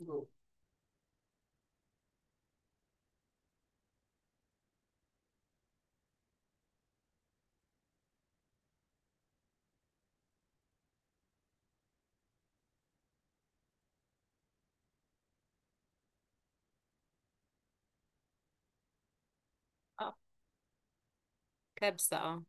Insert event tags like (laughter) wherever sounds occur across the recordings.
اه. كبسة اه.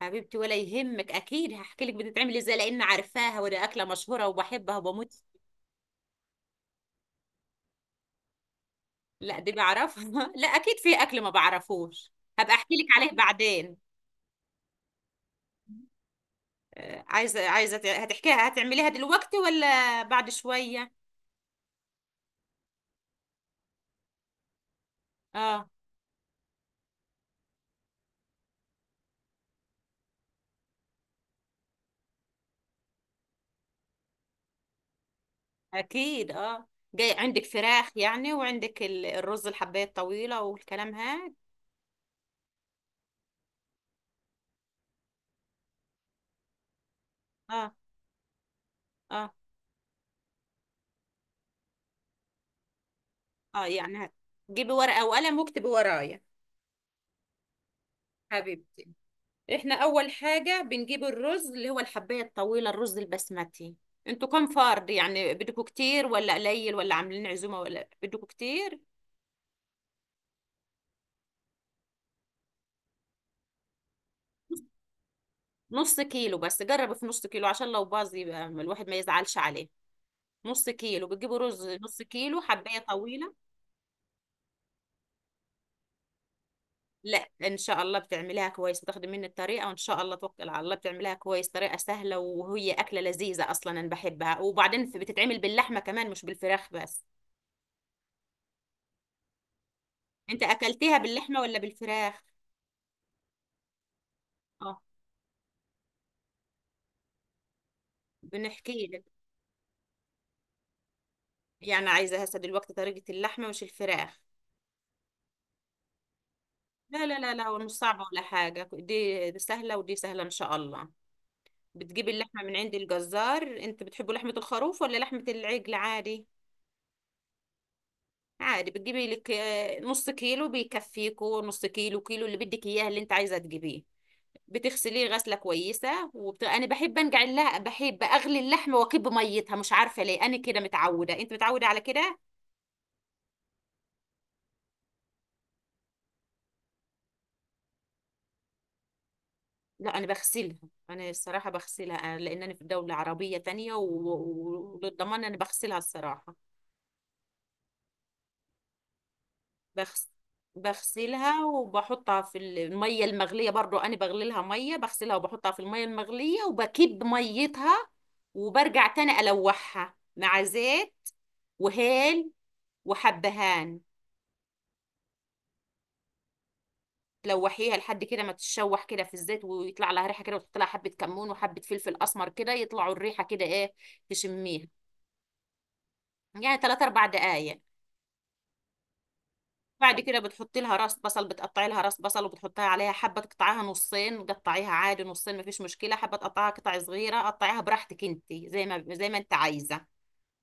حبيبتي، ولا يهمك، اكيد هحكي لك بتتعمل ازاي، لان عارفاها وده اكله مشهوره وبحبها وبموت. لا دي بعرفها. (laughs) لا اكيد في اكل ما بعرفوش. هبقى احكي لك عليه بعدين. عايزه هتحكيها هتعمليها دلوقتي ولا بعد شويه؟ اه، اكيد اه. جاي عندك فراخ يعني، وعندك الرز الحبايه الطويله والكلام هاد؟ اه، اه، اه، يعني جيبي ورقه وقلم واكتبي ورايا. حبيبتي، احنا اول حاجة بنجيب الرز اللي هو الحباية الطويلة، الرز البسمتي. انتوا كم فرد يعني؟ بدكوا كتير ولا قليل ولا عاملين عزومة ولا بدكوا كتير؟ نص كيلو بس، جربوا في نص كيلو عشان لو باظ يبقى الواحد ما يزعلش عليه. نص كيلو بتجيبوا رز، نص كيلو حباية طويلة. لا ان شاء الله بتعمليها كويس، بتاخدي مني الطريقة وان شاء الله توكل على الله بتعمليها كويس، طريقة سهلة وهي أكلة لذيذة اصلا انا بحبها. وبعدين بتتعمل باللحمة كمان مش بالفراخ بس. انت اكلتيها باللحمة ولا بالفراخ؟ اه، بنحكي لك. يعني عايزة هسه دلوقتي طريقة اللحمة مش الفراخ؟ لا لا لا لا، ومش صعبة ولا حاجة، دي سهلة ودي سهلة إن شاء الله. بتجيب اللحمة من عند الجزار، أنت بتحبوا لحمة الخروف ولا لحمة العجل عادي؟ عادي، بتجيبي لك نص كيلو بيكفيكوا، نص كيلو كيلو اللي بدك إياه اللي أنت عايزة تجيبيه. بتغسليه غسلة كويسة، أنا بحب بحب أغلي اللحمة وأكب ميتها، مش عارفة ليه أنا كده متعودة، أنت متعودة على كده. لا انا بغسلها، انا الصراحه بغسلها، لان انا في دوله عربيه تانية وللضمان انا بغسلها الصراحه. بغس... بغسلها وبحطها في الميه المغليه برضو، انا بغلي لها ميه، بغسلها وبحطها في الميه المغليه وبكب ميتها، وبرجع تاني الوحها مع زيت وهيل وحبهان. تلوحيها لحد كده ما تتشوح كده في الزيت، ويطلع لها ريحه كده، وتحط لها حبه كمون وحبه فلفل اسمر كده يطلعوا الريحه كده ايه، تشميها. يعني 3 4 دقائق. بعد كده بتحطي لها راس بصل، بتقطعي لها راس بصل وبتحطها عليها، حبه تقطعيها نصين، قطعيها عادي نصين مفيش مشكله، حبه تقطعيها قطع صغيره، قطعيها براحتك انت، زي ما انت عايزه.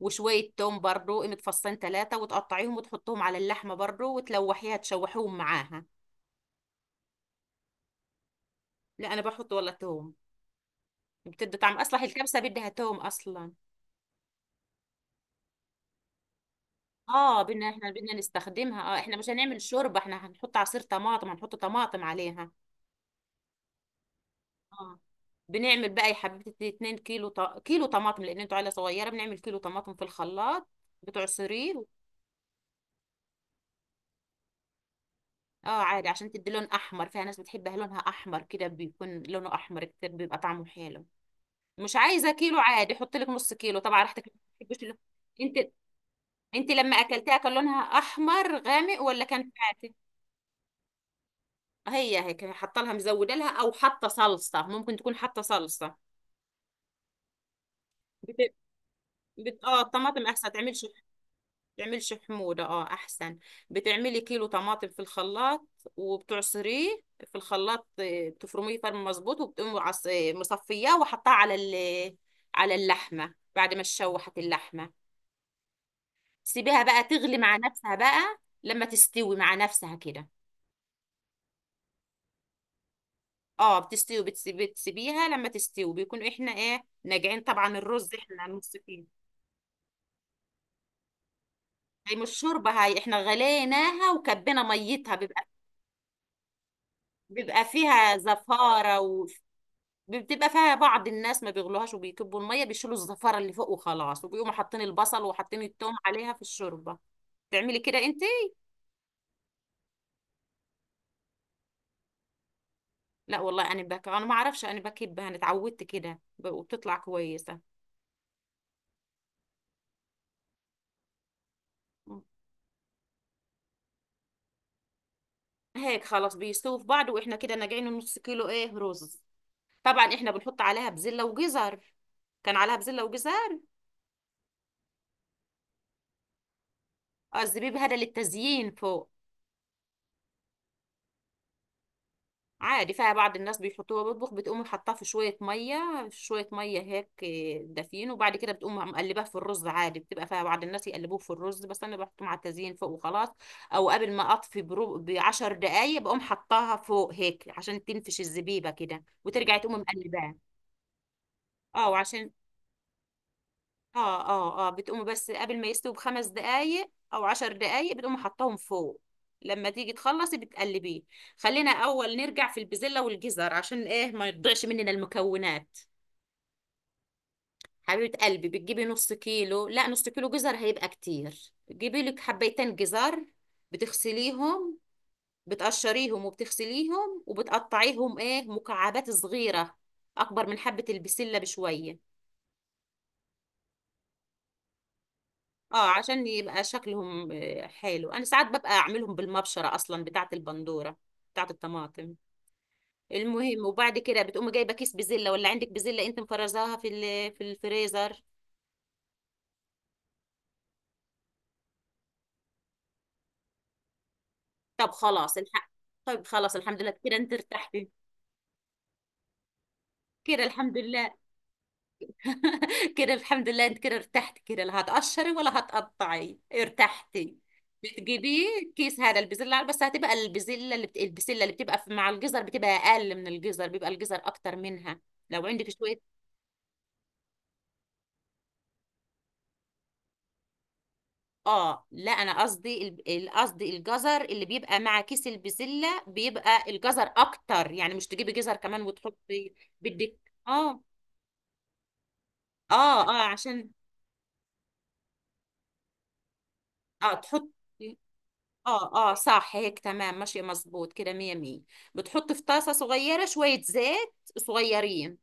وشويه توم برضو، متفصلين ثلاثه، وتقطعيهم وتحطهم على اللحمه برضو وتلوحيها، تشوحيهم معاها. لا انا بحط ولا توم، بتدي طعم، اصلا الكبسه بدها توم اصلا. اه احنا بدنا نستخدمها، اه احنا مش هنعمل شوربه، احنا هنحط عصير طماطم، هنحط طماطم عليها. اه، بنعمل بقى يا حبيبتي 2 كيلو كيلو طماطم، لان انتوا عيله صغيره، بنعمل كيلو طماطم في الخلاط، بتعصريه. اه عادي عشان تدي لون احمر، فيها ناس بتحبها لونها احمر كده، بيكون لونه احمر كتير بيبقى طعمه حلو. مش عايزه كيلو عادي، حط لك نص كيلو، طبعا راحتك، ما بتحبش اللون. انت انت لما اكلتها كان لونها احمر غامق ولا كان فاتح؟ هي هيك حاطه لها، مزوده لها، او حاطه صلصه، ممكن تكون حاطه صلصه. بت... اه الطماطم احسن، تعملش حموضة، اه احسن. بتعملي كيلو طماطم في الخلاط وبتعصريه في الخلاط، بتفرميه فرم مظبوط، وبتقومي مصفياه وحطاه على على اللحمة بعد ما تشوحت اللحمة. سيبيها بقى تغلي مع نفسها، بقى لما تستوي مع نفسها كده. اه بتستوي، بتسيبيها لما تستوي، بيكون احنا ايه ناجعين، طبعا الرز احنا نص فيه. هي مش شوربة هاي، احنا غليناها وكبينا ميتها، بيبقى فيها زفارة بتبقى فيها، بعض الناس ما بيغلوهاش وبيكبوا الميه، بيشيلوا الزفره اللي فوق وخلاص، وبيقوموا حاطين البصل وحاطين الثوم عليها في الشوربه. تعملي كده انت. لا والله انا بك، انا ما اعرفش، انا بكبها انا اتعودت كده وبتطلع كويسه. هيك خلاص بيستووا في بعض، واحنا كده ناقعين نص كيلو ايه رز، طبعا احنا بنحط عليها بزله وجزر، كان عليها بزله وجزر. الزبيب هذا للتزيين فوق. عادي فيها، بعض الناس بيحطوها بيطبخ، بتقوم حاطاه في شوية مية، شوية مية هيك دافين، وبعد كده بتقوم مقلباه في الرز عادي، بتبقى فيها بعض الناس يقلبوه في الرز، بس أنا بحطه مع التزيين فوق وخلاص. أو قبل ما أطفي برو بعشر دقايق بقوم حطاها فوق هيك عشان تنفش الزبيبة كده، وترجعي تقوم مقلباه. اه وعشان، اه بتقوم بس قبل ما يستوي بخمس دقايق او عشر دقايق، بتقوم حطاهم فوق. لما تيجي تخلصي بتقلبيه. خلينا اول نرجع في البزلة والجزر عشان ايه ما يضيعش مننا المكونات. حبيبة قلبي، بتجيبي نص كيلو، لا نص كيلو جزر هيبقى كتير، تجيبي لك حبيتين جزر، بتغسليهم بتقشريهم وبتغسليهم وبتقطعيهم ايه مكعبات صغيرة، اكبر من حبة البسلة بشوية. اه عشان يبقى شكلهم حلو، انا ساعات ببقى اعملهم بالمبشره اصلا، بتاعه البندوره بتاعه الطماطم. المهم، وبعد كده بتقوم جايبه كيس بزله، ولا عندك بزله انت مفرزاها في في الفريزر؟ طب خلاص الحق. طب خلاص الحمد لله كده، انت ارتحتي. كده الحمد لله. (laughs) كده الحمد لله، انت كده ارتحتي، كده لا هتقشري ولا هتقطعي، ارتحتي. بتجيبيه الكيس هذا البزلة بس هتبقى البسلة اللي بتبقى مع الجزر بتبقى أقل من الجزر، بيبقى الجزر أكتر منها، لو عندك شوية. اه لا أنا قصدي قصدي الجزر اللي بيبقى مع كيس البزلة بيبقى الجزر أكتر، يعني مش تجيبي جزر كمان وتحطي. بدك، اه اه عشان. اه تحطي، اه صح هيك تمام ماشي مظبوط كده، مية مية. بتحط في طاسة صغيرة شوية زيت صغيرين،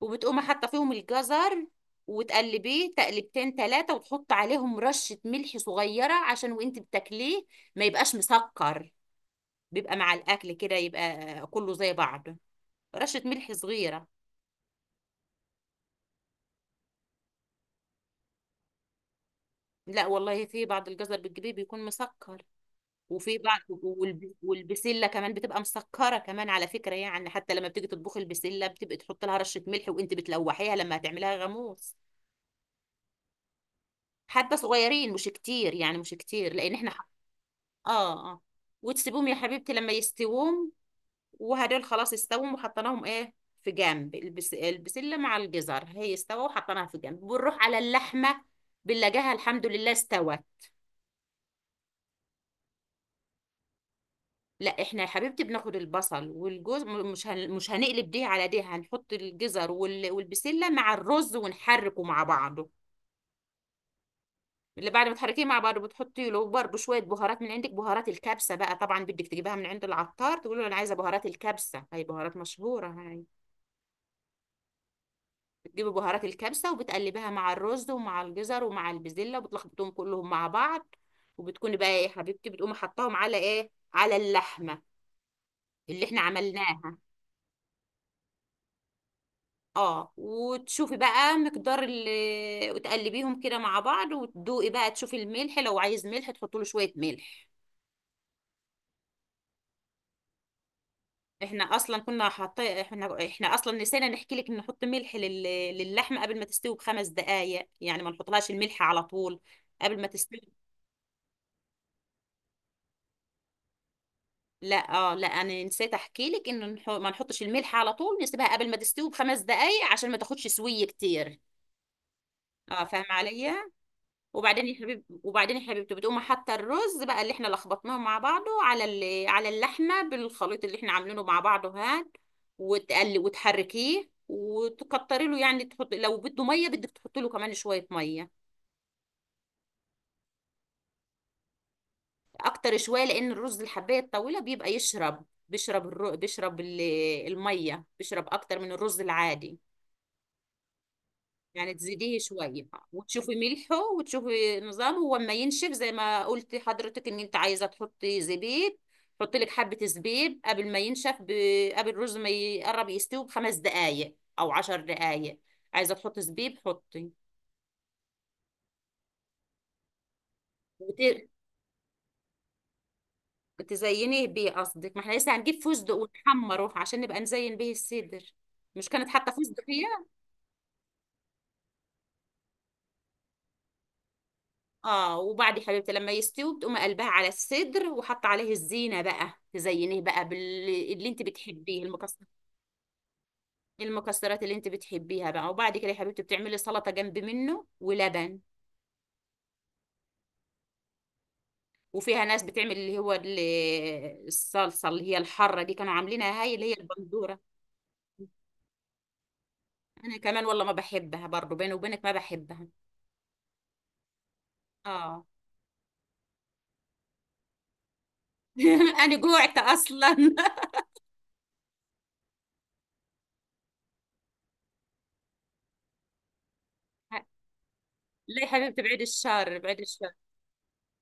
وبتقوم حاطة فيهم الجزر، وتقلبيه تقلبتين تلاتة، وتحط عليهم رشة ملح صغيرة عشان وانت بتاكليه ما يبقاش مسكر، بيبقى مع الأكل كده يبقى كله زي بعضه، رشة ملح صغيرة. لا والله في بعض الجزر بتجيبيه بيكون مسكر، وفي بعض والبسله كمان بتبقى مسكره كمان على فكره، يعني حتى لما بتيجي تطبخي البسله بتبقى تحط لها رشه ملح وانت بتلوحيها لما هتعمليها غاموس. حبه صغيرين، مش كتير يعني، مش كتير لان احنا اه، اه، وتسيبهم يا حبيبتي لما يستوهم، وهدول خلاص استوهم وحطيناهم ايه في جنب. البسله مع الجزر هي استوى وحطيناها في جنب، بنروح على اللحمه بنلاقيها الحمد لله استوت. لا احنا يا حبيبتي بناخد البصل والجوز مش هنقلب دي على دي، هنحط الجزر والبسله مع الرز ونحركه مع بعضه. اللي بعد ما تحركيه مع بعضه بتحطي له برضه شويه بهارات من عندك، بهارات الكبسه بقى، طبعا بدك تجيبها من عند العطار، تقول له انا عايزه بهارات الكبسه، هي بهارات مشهوره هاي. بتجيبي بهارات الكبسه وبتقلبها مع الرز ومع الجزر ومع البسله، وبتلخبطهم كلهم مع بعض، وبتكوني بقى إيه يا حبيبتي، بتقومي حطاهم على ايه، على اللحمه اللي احنا عملناها. اه وتشوفي بقى مقدار اللي، وتقلبيهم كده مع بعض، وتدوقي بقى تشوفي الملح، لو عايز ملح تحطي له شويه ملح. احنا اصلا كنا حاطين، احنا اصلا نسينا نحكي لك ان نحط ملح للحمه قبل ما تستوي بخمس دقائق، يعني ما نحطلهاش الملح على طول قبل ما تستوي. لا لا انا نسيت احكي لك ان ما نحطش الملح على طول، نسيبها قبل ما تستوي بخمس دقائق عشان ما تاخدش سويه كتير. اه فاهمه عليا. وبعدين يا حبيبتي بتقوم حاطه الرز بقى اللي احنا لخبطناه مع بعضه على على اللحمه بالخليط اللي احنا عاملينه مع بعضه هاد. وتقلي وتحركيه وتكتري له، يعني تحط، لو بده ميه بدك تحط له كمان شويه ميه. اكتر شويه لان الرز الحبايه الطويله بيبقى يشرب، بيشرب الر... بيشرب ال... الميه، بيشرب اكتر من الرز العادي. يعني تزيديه شوية، وتشوفي ملحه وتشوفي نظامه هو ما ينشف، زي ما قلتي حضرتك ان انت عايزة تحطي زبيب، حطي لك حبة زبيب قبل ما ينشف، قبل الرز ما يقرب يستوي بخمس دقايق او عشر دقايق، عايزة تحطي زبيب حطي. وت... تزينيه بيه قصدك، ما احنا لسه هنجيب فستق ونحمره عشان نبقى نزين بيه الصدر. مش كانت حاطة فستق هي؟ اه، وبعد يا حبيبتي لما يستوي بتقوم قلبها على الصدر وحط عليه الزينة بقى، تزينيه بقى باللي انت بتحبيه المكسر، المكسرات اللي انت بتحبيها بقى، وبعد كده يا حبيبتي بتعملي سلطة جنب منه ولبن. وفيها ناس بتعمل اللي هو الصلصة اللي هي الحارة دي، كانوا عاملينها هاي اللي هي البندورة. انا كمان والله ما بحبها برضه، بيني وبينك ما بحبها. اه. (laughs) انا جوعت اصلا. (laughs) لا يا حبيبتي بعيد الشر، بعيد الشر.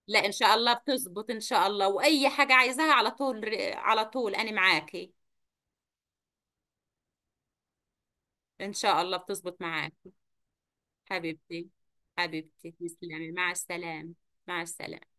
لا ان شاء الله بتزبط، ان شاء الله، واي حاجة عايزاها على طول، على طول انا معاكي. ان شاء الله بتزبط معاكي. حبيبتي، حبيبتي تسلمي، مع السلامة. مع السلامة.